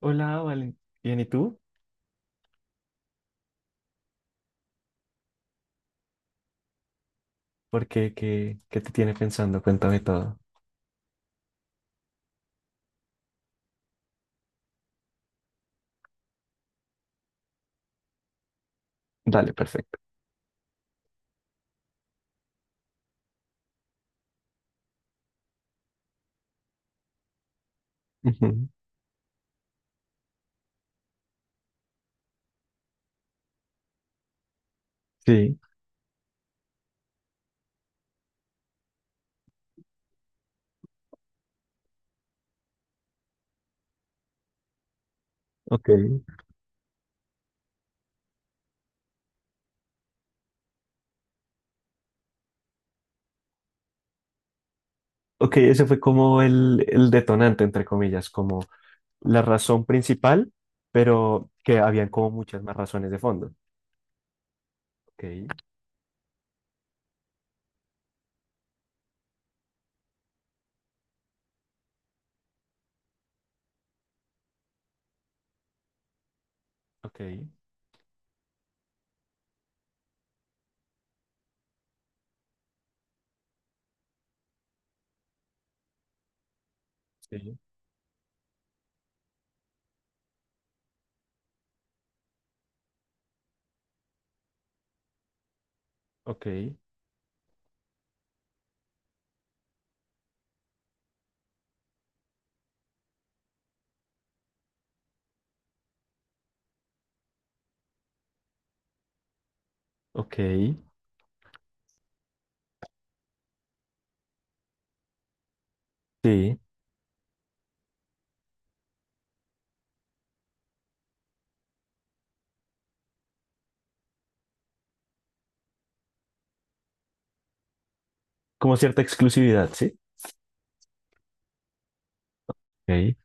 Hola, Valen. Bien, ¿y tú? ¿Por qué? ¿Qué te tiene pensando? Cuéntame todo. Dale, perfecto. Ujú, sí, ok. Ok, ese fue como el detonante, entre comillas, como la razón principal, pero que habían como muchas más razones de fondo. Ok, ok, sí, ok, ok, sí. Como cierta exclusividad, ¿sí? Ok,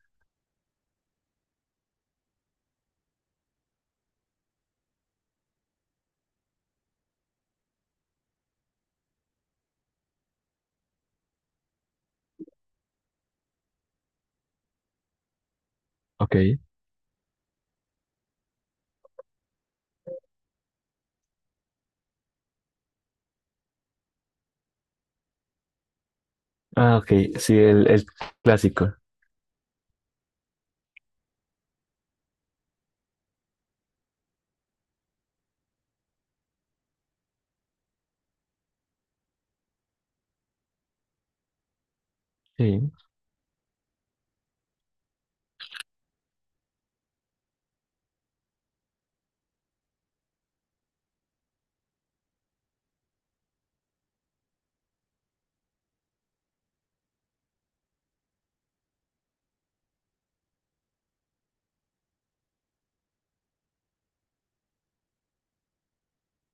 ok. Ah, ok, sí, el clásico. Sí,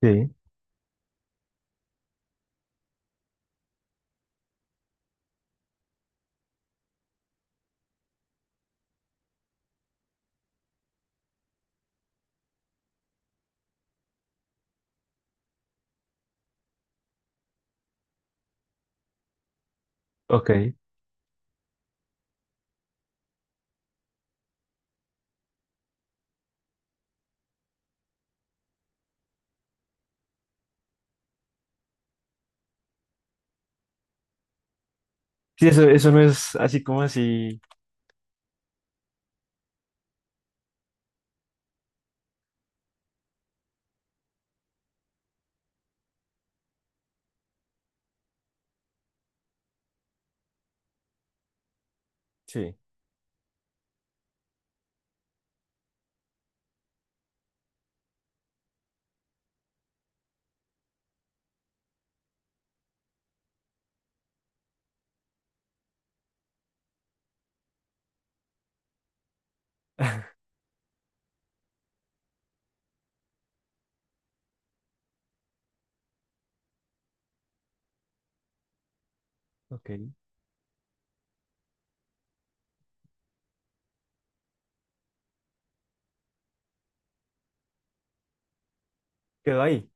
sí, ok. Sí, eso no es así como así, sí. Ok. Quedó ahí.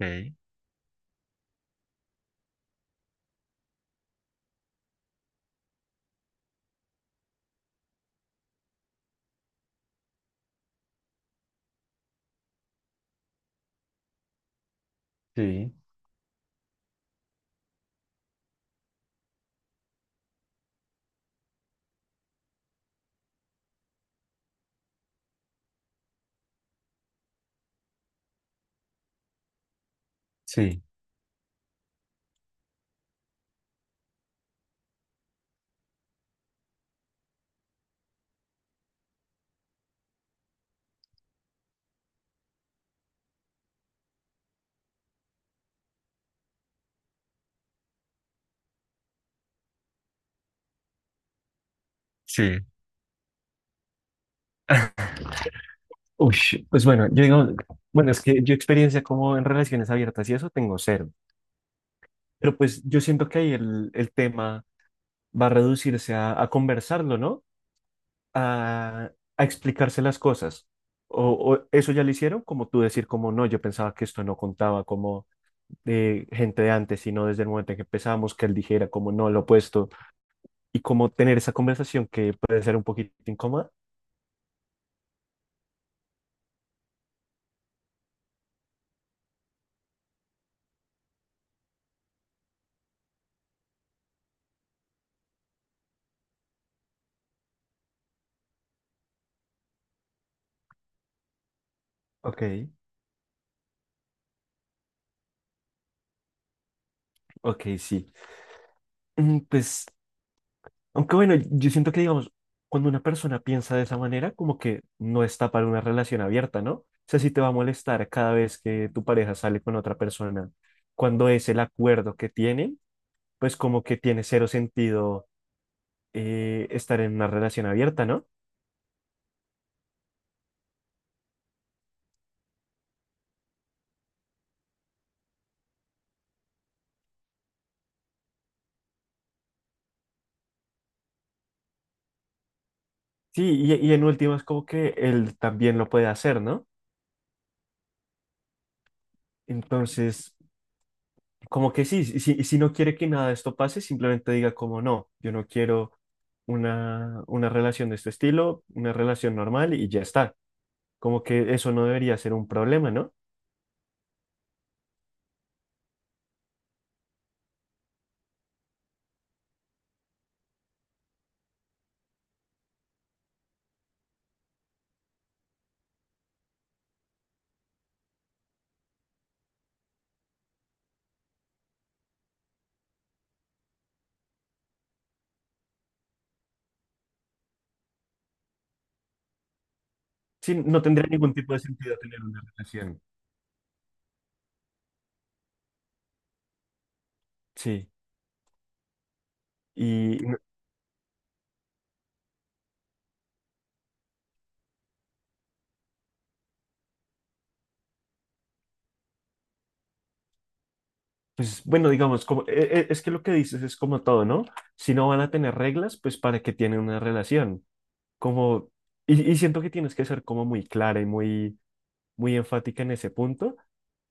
Ok, sí, sí, sí. Uy, pues bueno, yo digo, bueno, es que yo experiencia como en relaciones abiertas y eso tengo cero. Pero pues yo siento que ahí el tema va a reducirse a conversarlo, ¿no? A, a explicarse las cosas. O, o eso ya lo hicieron, como tú decir, como no, yo pensaba que esto no contaba como de gente de antes, sino desde el momento en que empezamos, que él dijera como no, lo opuesto, y como tener esa conversación que puede ser un poquito incómoda. Ok. Ok, sí. Pues, aunque bueno, yo siento que, digamos, cuando una persona piensa de esa manera, como que no está para una relación abierta, ¿no? O sea, si te va a molestar cada vez que tu pareja sale con otra persona, cuando es el acuerdo que tienen, pues como que tiene cero sentido estar en una relación abierta, ¿no? Sí, y en últimas como que él también lo puede hacer, ¿no? Entonces, como que sí, si no quiere que nada de esto pase, simplemente diga como no, yo no quiero una relación de este estilo, una relación normal y ya está. Como que eso no debería ser un problema, ¿no? Sí, no tendría ningún tipo de sentido tener una relación. Sí. Y no- pues bueno, digamos, como, es que lo que dices es como todo, ¿no? Si no van a tener reglas, pues para qué tienen una relación. Como, y siento que tienes que ser como muy clara y muy muy enfática en ese punto,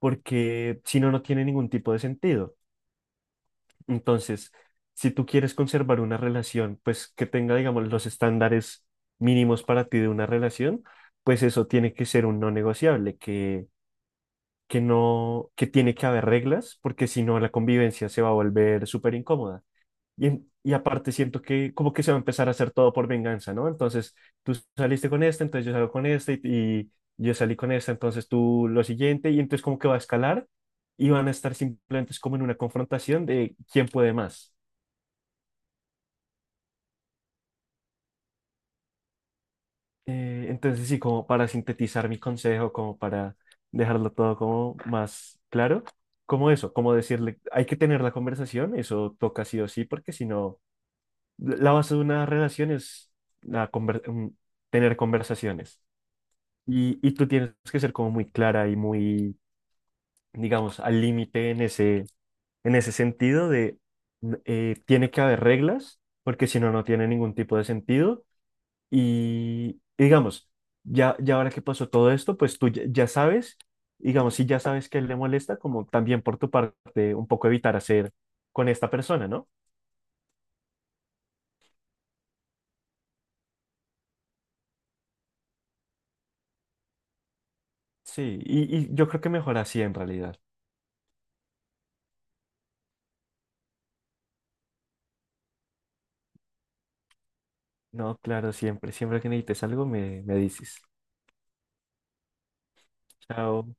porque si no, no tiene ningún tipo de sentido. Entonces, si tú quieres conservar una relación, pues que tenga, digamos, los estándares mínimos para ti de una relación, pues eso tiene que ser un no negociable, que no, que tiene que haber reglas, porque si no, la convivencia se va a volver súper incómoda. Y, y aparte siento que como que se va a empezar a hacer todo por venganza, ¿no? Entonces tú saliste con esta entonces yo salgo con esta y yo salí con esta entonces tú lo siguiente y entonces como que va a escalar y van a estar simplemente es como en una confrontación de quién puede más. Entonces sí, como para sintetizar mi consejo, como para dejarlo todo como más claro, como eso, como decirle, hay que tener la conversación, eso toca sí o sí, porque si no, la base de una relación es la conver- un- tener conversaciones. Y tú tienes que ser como muy clara y muy, digamos, al límite en ese sentido de tiene que haber reglas, porque si no, no tiene ningún tipo de sentido. Y digamos, ya ahora que pasó todo esto, pues tú ya sabes, digamos, si ya sabes que él le molesta, como también por tu parte, un poco evitar hacer con esta persona, ¿no? Sí, y yo creo que mejor así en realidad. No, claro, siempre, siempre que necesites algo, me dices. Chao.